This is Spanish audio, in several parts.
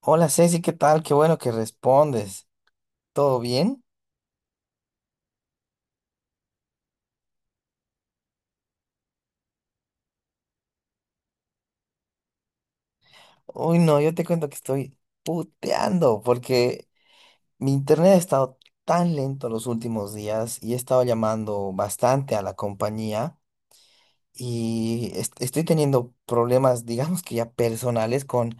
Hola Ceci, ¿qué tal? Qué bueno que respondes. ¿Todo bien? Uy, no, yo te cuento que estoy puteando porque mi internet ha estado tan lento los últimos días y he estado llamando bastante a la compañía y estoy teniendo problemas, digamos que ya personales con,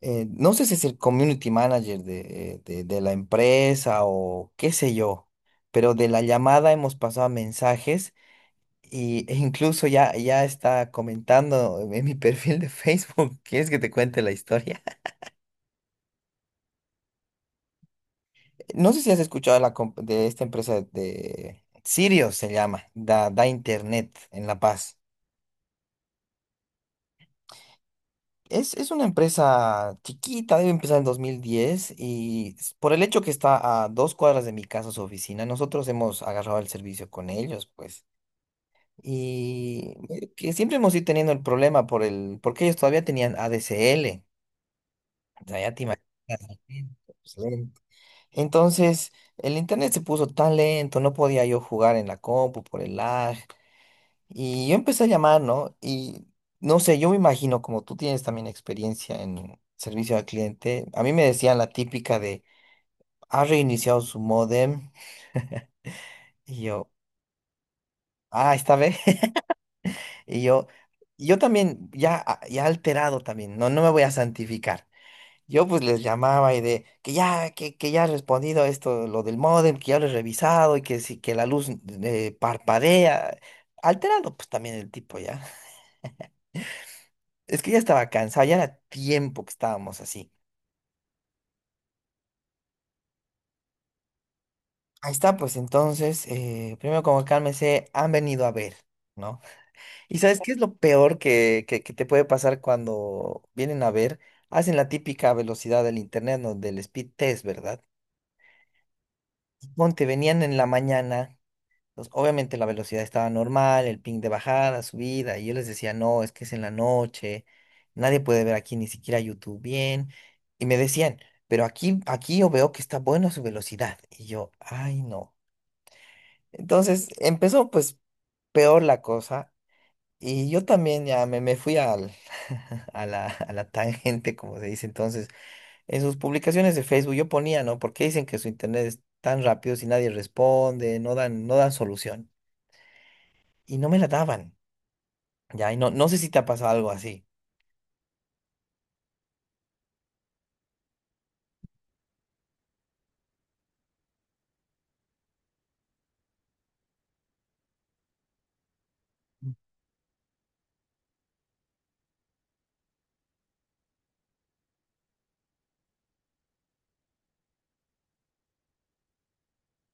no sé si es el community manager de la empresa o qué sé yo, pero de la llamada hemos pasado mensajes. Y e incluso ya, ya está comentando en mi perfil de Facebook, ¿quieres que te cuente la historia? No sé si has escuchado de esta empresa de Sirius, se llama, da internet en La Paz. Es una empresa chiquita, debe empezar en 2010 y por el hecho que está a dos cuadras de mi casa su oficina, nosotros hemos agarrado el servicio con ellos, pues. Y que siempre hemos ido teniendo el problema porque ellos todavía tenían ADSL. O sea, ya te imaginas, lento, pues, lento. Entonces, el internet se puso tan lento, no podía yo jugar en la compu por el lag. Y yo empecé a llamar, ¿no? Y no sé, yo me imagino, como tú tienes también experiencia en servicio al cliente, a mí me decían la típica de, ha reiniciado su modem. Y yo, ah, esta vez. Y yo, y yo también, ya, ya alterado también, no, no me voy a santificar. Yo pues les llamaba y de que ya, que ya ha respondido esto, lo del módem, que ya lo he revisado y que sí, que la luz parpadea. Alterado pues también el tipo ya. Es que ya estaba cansado, ya era tiempo que estábamos así. Ahí está, pues entonces, primero como cálmese, han venido a ver, ¿no? ¿Y sabes qué es lo peor que te puede pasar cuando vienen a ver? Hacen la típica velocidad del internet, ¿no? Del speed test, ¿verdad? Ponte, venían en la mañana. Entonces, obviamente la velocidad estaba normal, el ping de bajada, subida, y yo les decía, no, es que es en la noche, nadie puede ver aquí ni siquiera YouTube bien. Y me decían, pero aquí yo veo que está bueno su velocidad. Y yo, ay, no. Entonces empezó pues peor la cosa. Y yo también ya me fui a la tangente, como se dice entonces. En sus publicaciones de Facebook yo ponía, ¿no? ¿Por qué dicen que su internet es tan rápido si nadie responde, no dan, no dan solución? Y no me la daban. Ya, y no, no sé si te ha pasado algo así.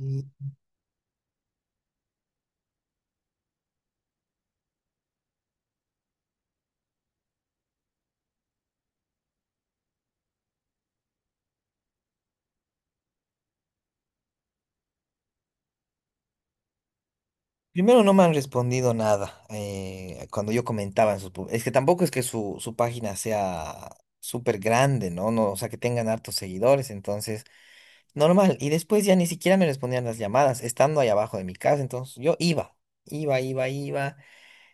Mm. Primero no me han respondido nada cuando yo comentaba en sus... Es que tampoco es que su página sea súper grande, ¿no? No, o sea, que tengan hartos seguidores, entonces, normal. Y después ya ni siquiera me respondían las llamadas, estando ahí abajo de mi casa, entonces yo iba, iba, iba, iba.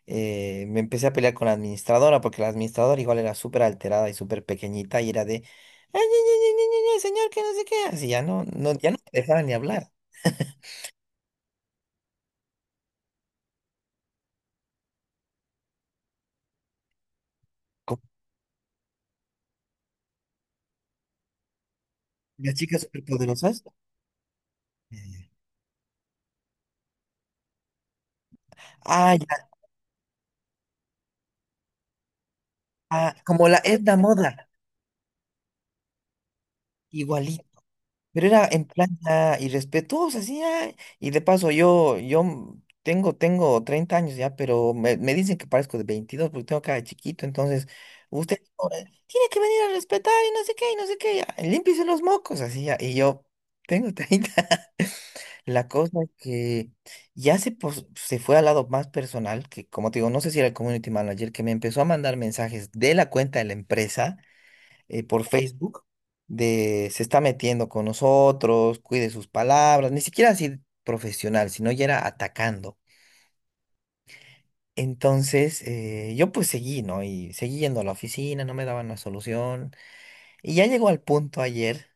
Me empecé a pelear con la administradora porque la administradora igual era súper alterada y súper pequeñita y era de... "Ay, ay, ay, ay, ay, ay, señor, que no sé qué". Así ya no, no, ya no me dejaban ni hablar. Las chicas superpoderosas. Ya, ya. Ah, ya, ah, como la Edna Moda, igualito. Pero era en plan ya irrespetuosa, sí, ah. Y de paso, yo tengo 30 años ya, pero me dicen que parezco de 22 porque tengo cara de chiquito. Entonces, usted oh, tiene que venir a respetar y no sé qué, y no sé qué. Ya, límpiese los mocos, así ya. Y yo tengo 30. La cosa es que ya se fue al lado más personal, que como te digo, no sé si era el community manager, que me empezó a mandar mensajes de la cuenta de la empresa por Facebook, de se está metiendo con nosotros, cuide sus palabras, ni siquiera así profesional, sino ya era atacando. Entonces yo pues seguí, ¿no? Y seguí yendo a la oficina, no me daban una solución. Y ya llegó al punto ayer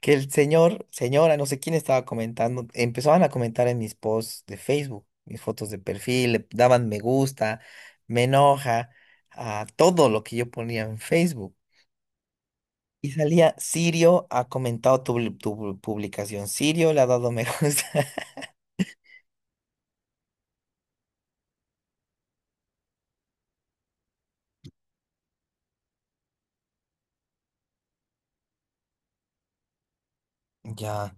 que el señor, señora, no sé quién estaba comentando, empezaban a comentar en mis posts de Facebook, mis fotos de perfil, le daban me gusta, me enoja, a todo lo que yo ponía en Facebook. Y salía, Sirio ha comentado tu publicación, Sirio le ha dado me gusta. Ya,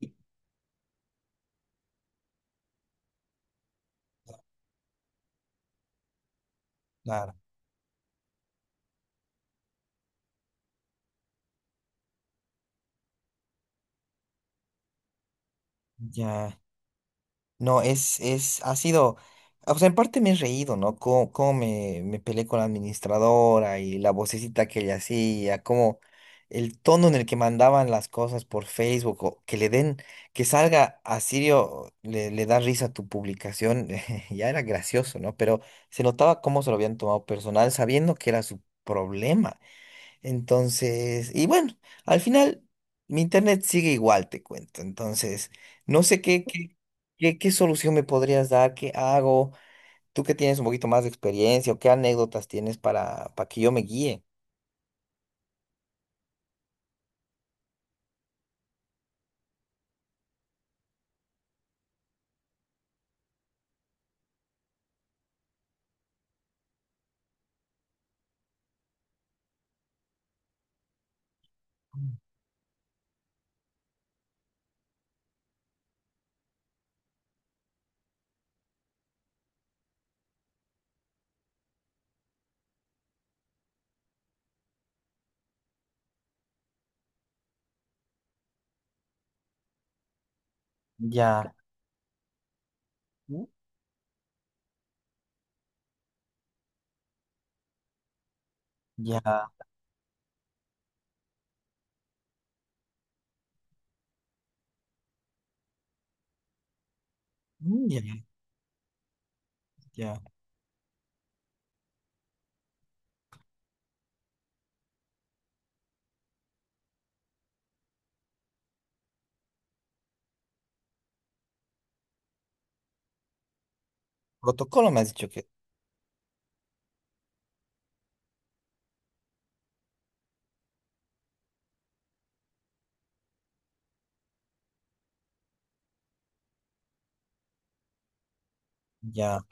y- claro, ya. No, ha sido, o sea, en parte me he reído, ¿no? Cómo me peleé con la administradora y la vocecita que ella hacía, cómo el tono en el que mandaban las cosas por Facebook, o que le den, que salga a Sirio, le da risa a tu publicación. Ya era gracioso, ¿no? Pero se notaba cómo se lo habían tomado personal, sabiendo que era su problema. Entonces, y bueno, al final mi internet sigue igual, te cuento. Entonces, no sé qué solución me podrías dar, qué hago, tú que tienes un poquito más de experiencia o qué anécdotas tienes para que yo me guíe. Ya, uh, ya, mm, ya, ya. Protocolo me has dicho que ya,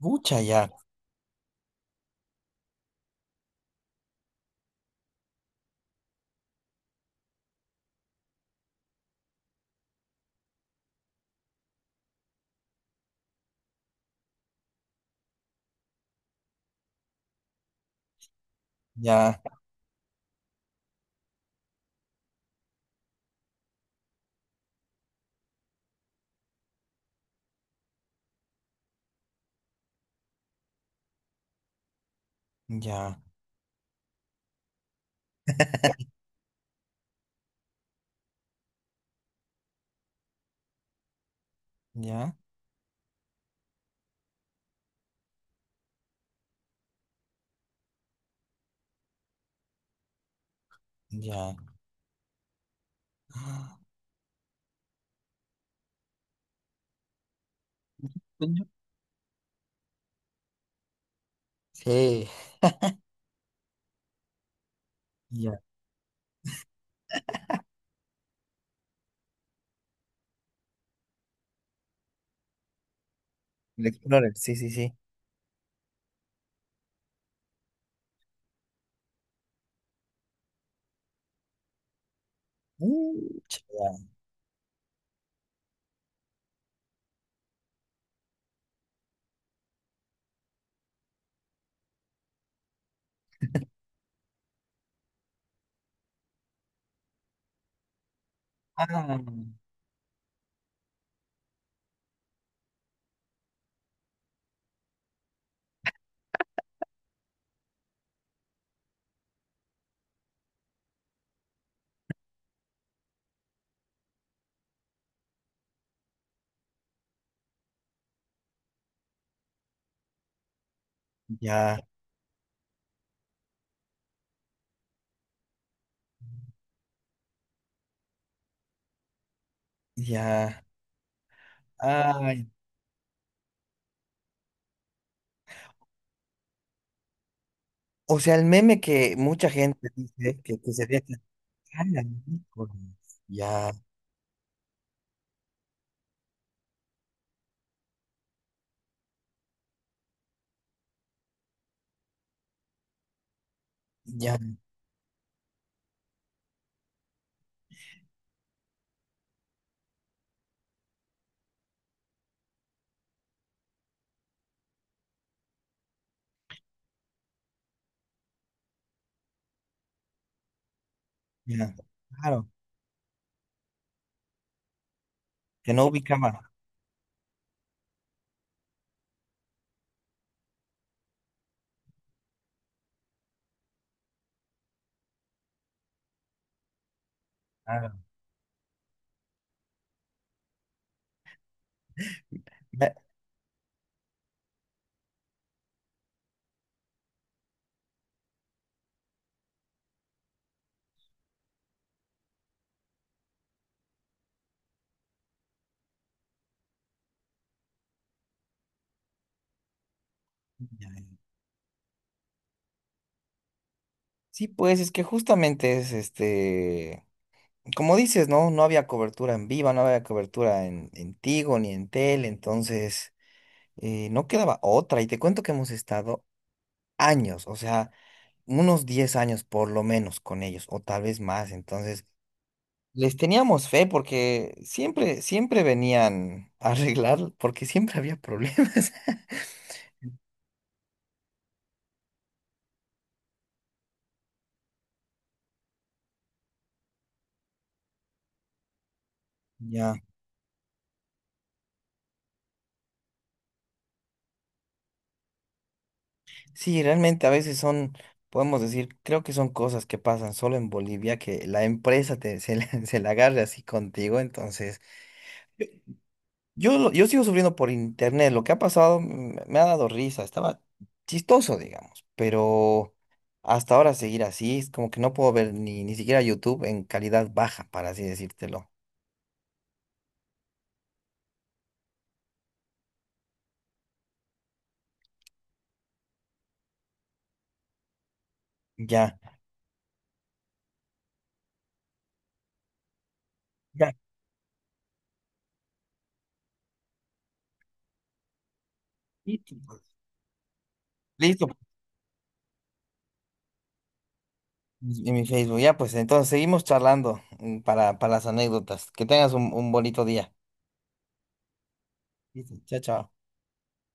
mucha ya, ya, ya, ya, ya. Ah, coño. Sí, ya. El Explorer, sí, sí, sí. Mucha ya. Ah, ya. Ya. Ay. O sea, el meme que mucha gente dice que se ve que "Ay, la miércoles". Ya, ya, ya. Claro, que no ubicaba. Claro. Ya, ya, ya. Sí, pues es que justamente es este, como dices, ¿no? No había cobertura en Viva, no había cobertura en Tigo ni en Tel, entonces no quedaba otra. Y te cuento que hemos estado años, o sea, unos 10 años por lo menos con ellos, o tal vez más. Entonces, les teníamos fe porque siempre, siempre venían a arreglar, porque siempre había problemas. Ya. Sí, realmente a veces son, podemos decir, creo que son cosas que pasan solo en Bolivia, que la empresa se la agarre así contigo, entonces... Yo sigo sufriendo por internet. Lo que ha pasado me ha dado risa. Estaba chistoso, digamos. Pero hasta ahora seguir así es como que no puedo ver ni siquiera YouTube en calidad baja, para así decírtelo. Ya. Ya. Listo, pues, en mi Facebook. Ya, pues entonces seguimos charlando para las anécdotas. Que tengas un bonito día. Listo, chao, chao.